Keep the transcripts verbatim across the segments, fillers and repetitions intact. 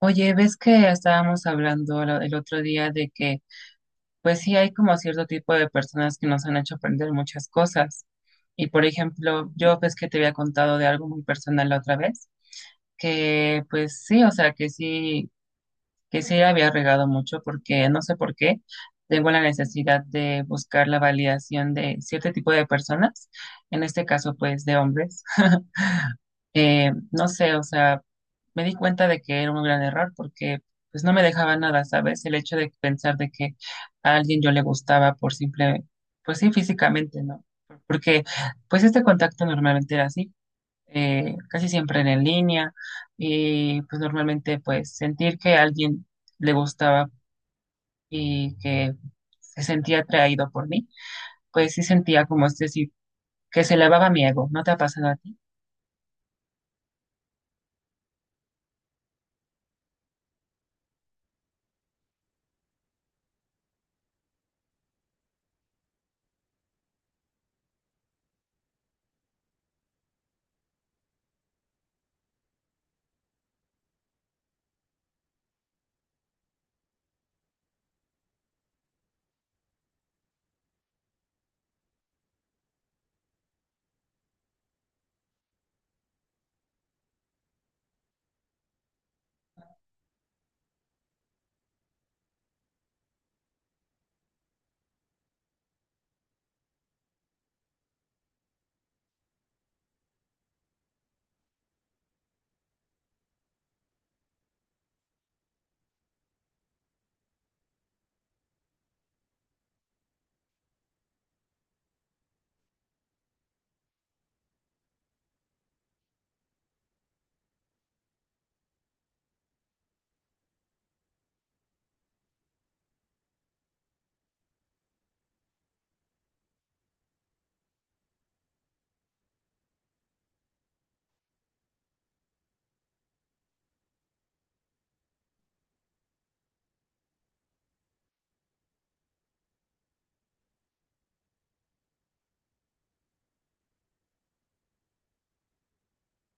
Oye, ves que estábamos hablando lo- el otro día de que, pues sí hay como cierto tipo de personas que nos han hecho aprender muchas cosas. Y por ejemplo, yo ves que te había contado de algo muy personal la otra vez, que pues sí, o sea, que sí, que sí había regado mucho porque no sé por qué tengo la necesidad de buscar la validación de cierto tipo de personas, en este caso pues de hombres. Eh, no sé, o sea, me di cuenta de que era un gran error porque pues no me dejaba nada, ¿sabes? El hecho de pensar de que a alguien yo le gustaba por simple, pues sí, físicamente, ¿no? Porque pues este contacto normalmente era así, eh, casi siempre era en línea y pues normalmente pues sentir que a alguien le gustaba y que se sentía atraído por mí, pues sí sentía como este, sí, que se elevaba mi ego, ¿no te ha pasado a ti?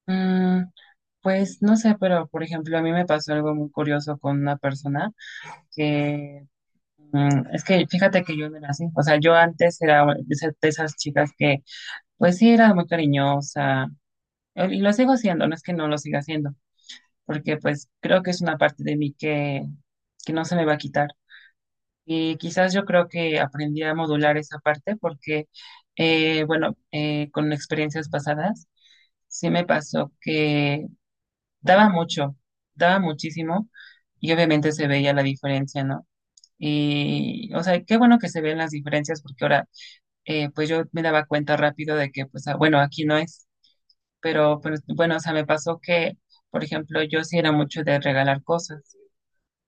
Mm, Pues no sé, pero por ejemplo, a mí me pasó algo muy curioso con una persona que mm, es que fíjate que yo no era así. O sea, yo antes era de esas de esas chicas que, pues sí, era muy cariñosa, eh, y lo sigo haciendo, no es que no lo siga haciendo, porque pues creo que es una parte de mí que, que no se me va a quitar. Y quizás yo creo que aprendí a modular esa parte porque, eh, bueno, eh, con experiencias pasadas, sí me pasó que daba mucho, daba muchísimo y obviamente se veía la diferencia, ¿no? Y, o sea, qué bueno que se ven las diferencias porque ahora, eh, pues yo me daba cuenta rápido de que, pues, ah, bueno, aquí no es, pero, pues, bueno, o sea, me pasó que, por ejemplo, yo sí era mucho de regalar cosas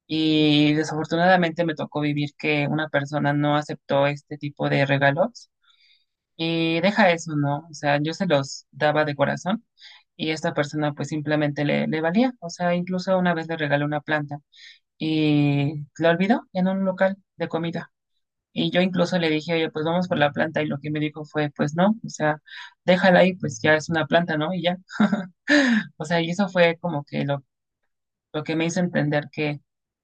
y desafortunadamente me tocó vivir que una persona no aceptó este tipo de regalos y deja eso, ¿no? O sea, yo se los daba de corazón y esta persona pues simplemente le, le valía. O sea, incluso una vez le regalé una planta y la olvidó en un local de comida. Y yo incluso le dije, oye, pues vamos por la planta y lo que me dijo fue, pues no, o sea, déjala ahí, pues ya es una planta, ¿no? Y ya. O sea, y eso fue como que lo, lo que me hizo entender que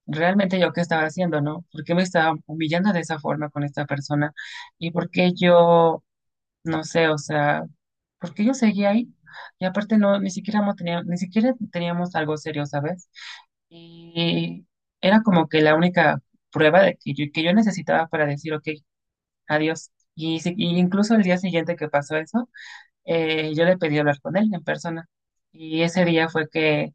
realmente yo qué estaba haciendo, ¿no? ¿Por qué me estaba humillando de esa forma con esta persona? ¿Y por qué yo, no sé, o sea, porque yo seguía ahí y aparte no, ni siquiera mo- tenía- ni siquiera teníamos algo serio, ¿sabes? Y era como que la única prueba de que yo, que yo necesitaba para decir, ok, adiós. Y, si- y incluso el día siguiente que pasó eso, eh, yo le pedí hablar con él en persona. Y ese día fue que,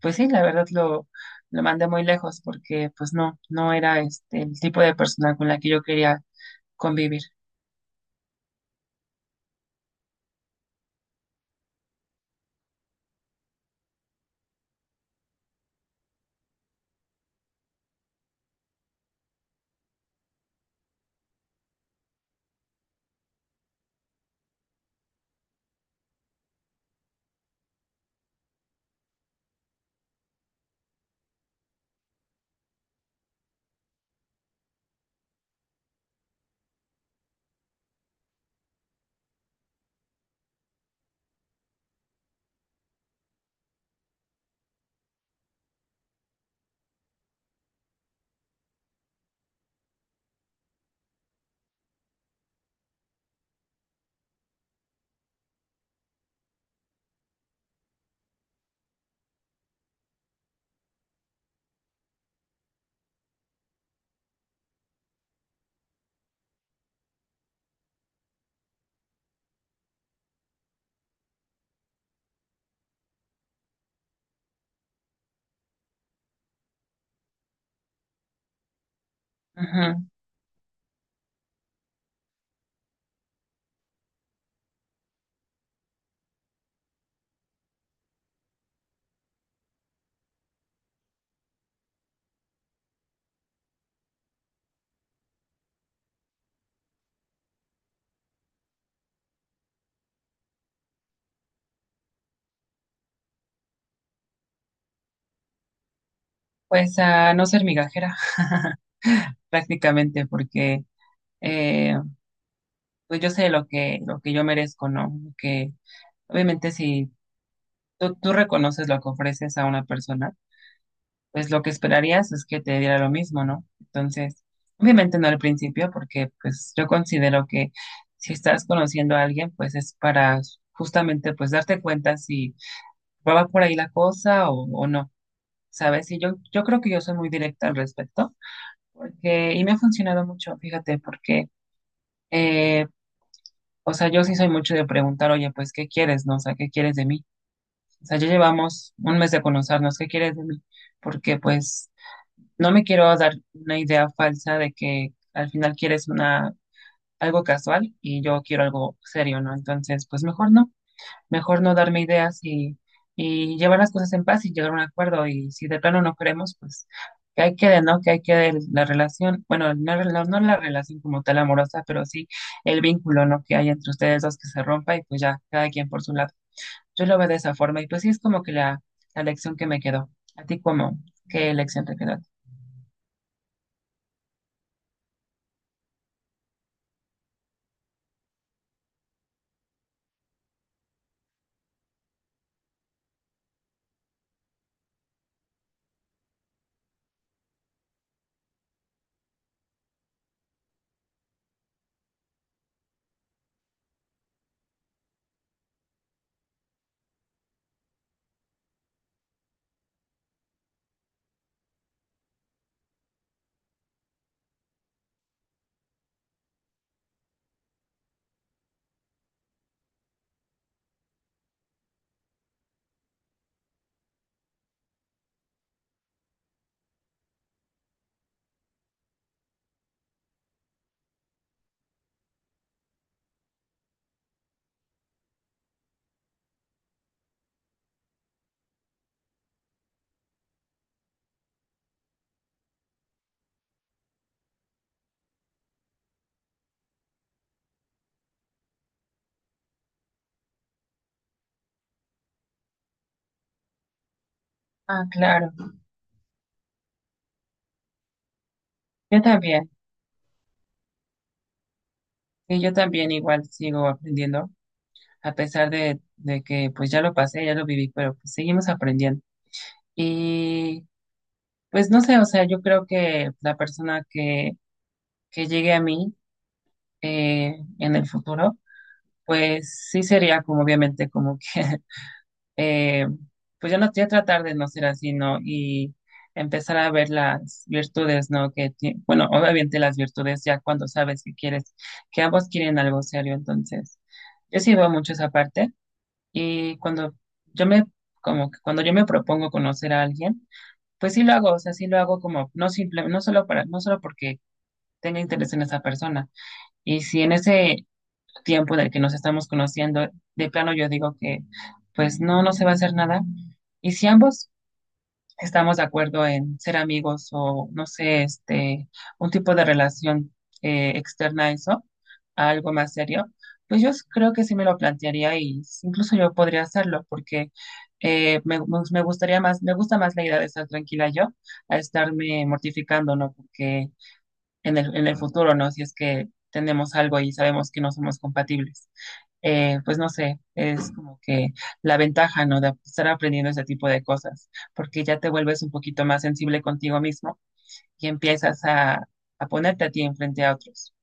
pues sí, la verdad lo, lo mandé muy lejos porque pues no, no era este el tipo de persona con la que yo quería convivir. Ujú. Pues a no ser migajera, prácticamente porque eh, pues yo sé lo que, lo que yo merezco, ¿no? Que obviamente si tú, tú reconoces lo que ofreces a una persona, pues lo que esperarías es que te diera lo mismo, ¿no? Entonces, obviamente no al principio, porque pues yo considero que si estás conociendo a alguien, pues es para justamente pues darte cuenta si va por ahí la cosa o, o no, ¿sabes? Y yo, yo creo que yo soy muy directa al respecto, porque, y me ha funcionado mucho, fíjate, porque eh, o sea, yo sí soy mucho de preguntar, oye, pues, ¿qué quieres, no? O sea, ¿qué quieres de mí? O sea, ya llevamos un mes de conocernos, ¿qué quieres de mí? Porque, pues, no me quiero dar una idea falsa de que al final quieres una, algo casual y yo quiero algo serio, ¿no? Entonces, pues, mejor no. Mejor no darme ideas y, y llevar las cosas en paz y llegar a un acuerdo. Y si de plano no queremos, pues que ahí quede, ¿no? Que ahí quede el- la relación, bueno, no, rela- no la relación como tal amorosa, pero sí el vínculo, ¿no? Que hay entre ustedes dos que se rompa y pues ya, cada quien por su lado. Yo lo veo de esa forma y pues sí es como que la, la lección que me quedó. ¿A ti cómo? ¿Qué lección te quedó? Ah, claro. Yo también. Sí, yo también igual sigo aprendiendo, a pesar de, de que pues ya lo pasé, ya lo viví, pero pues seguimos aprendiendo. Y pues no sé, o sea, yo creo que la persona que, que llegue a mí eh, en el futuro, pues sí sería como obviamente como que, eh, pues yo no ya tratar de no ser así, ¿no? Y empezar a ver las virtudes, ¿no? Que ti- bueno, obviamente las virtudes ya cuando sabes que quieres, que ambos quieren algo serio, entonces yo sí veo mucho esa parte y cuando yo me, como que cuando yo me propongo conocer a alguien, pues sí lo hago, o sea, sí lo hago como, no simple, no solo para, no solo porque tenga interés en esa persona. Y si en ese tiempo del que nos estamos conociendo, de plano yo digo que, pues no, no se va a hacer nada. Y si ambos estamos de acuerdo en ser amigos o, no sé, este, un tipo de relación eh, externa a eso, a algo más serio, pues yo s- creo que sí me lo plantearía y s- incluso yo podría hacerlo porque eh, me, me me gustaría más, me gusta más la idea de estar tranquila yo a estarme mortificando, ¿no? Porque en el, en el futuro, ¿no? Si es que tenemos algo y sabemos que no somos compatibles, eh, pues no sé, es como que la ventaja, ¿no? De estar aprendiendo ese tipo de cosas, porque ya te vuelves un poquito más sensible contigo mismo y empiezas a, a ponerte a ti enfrente a otros.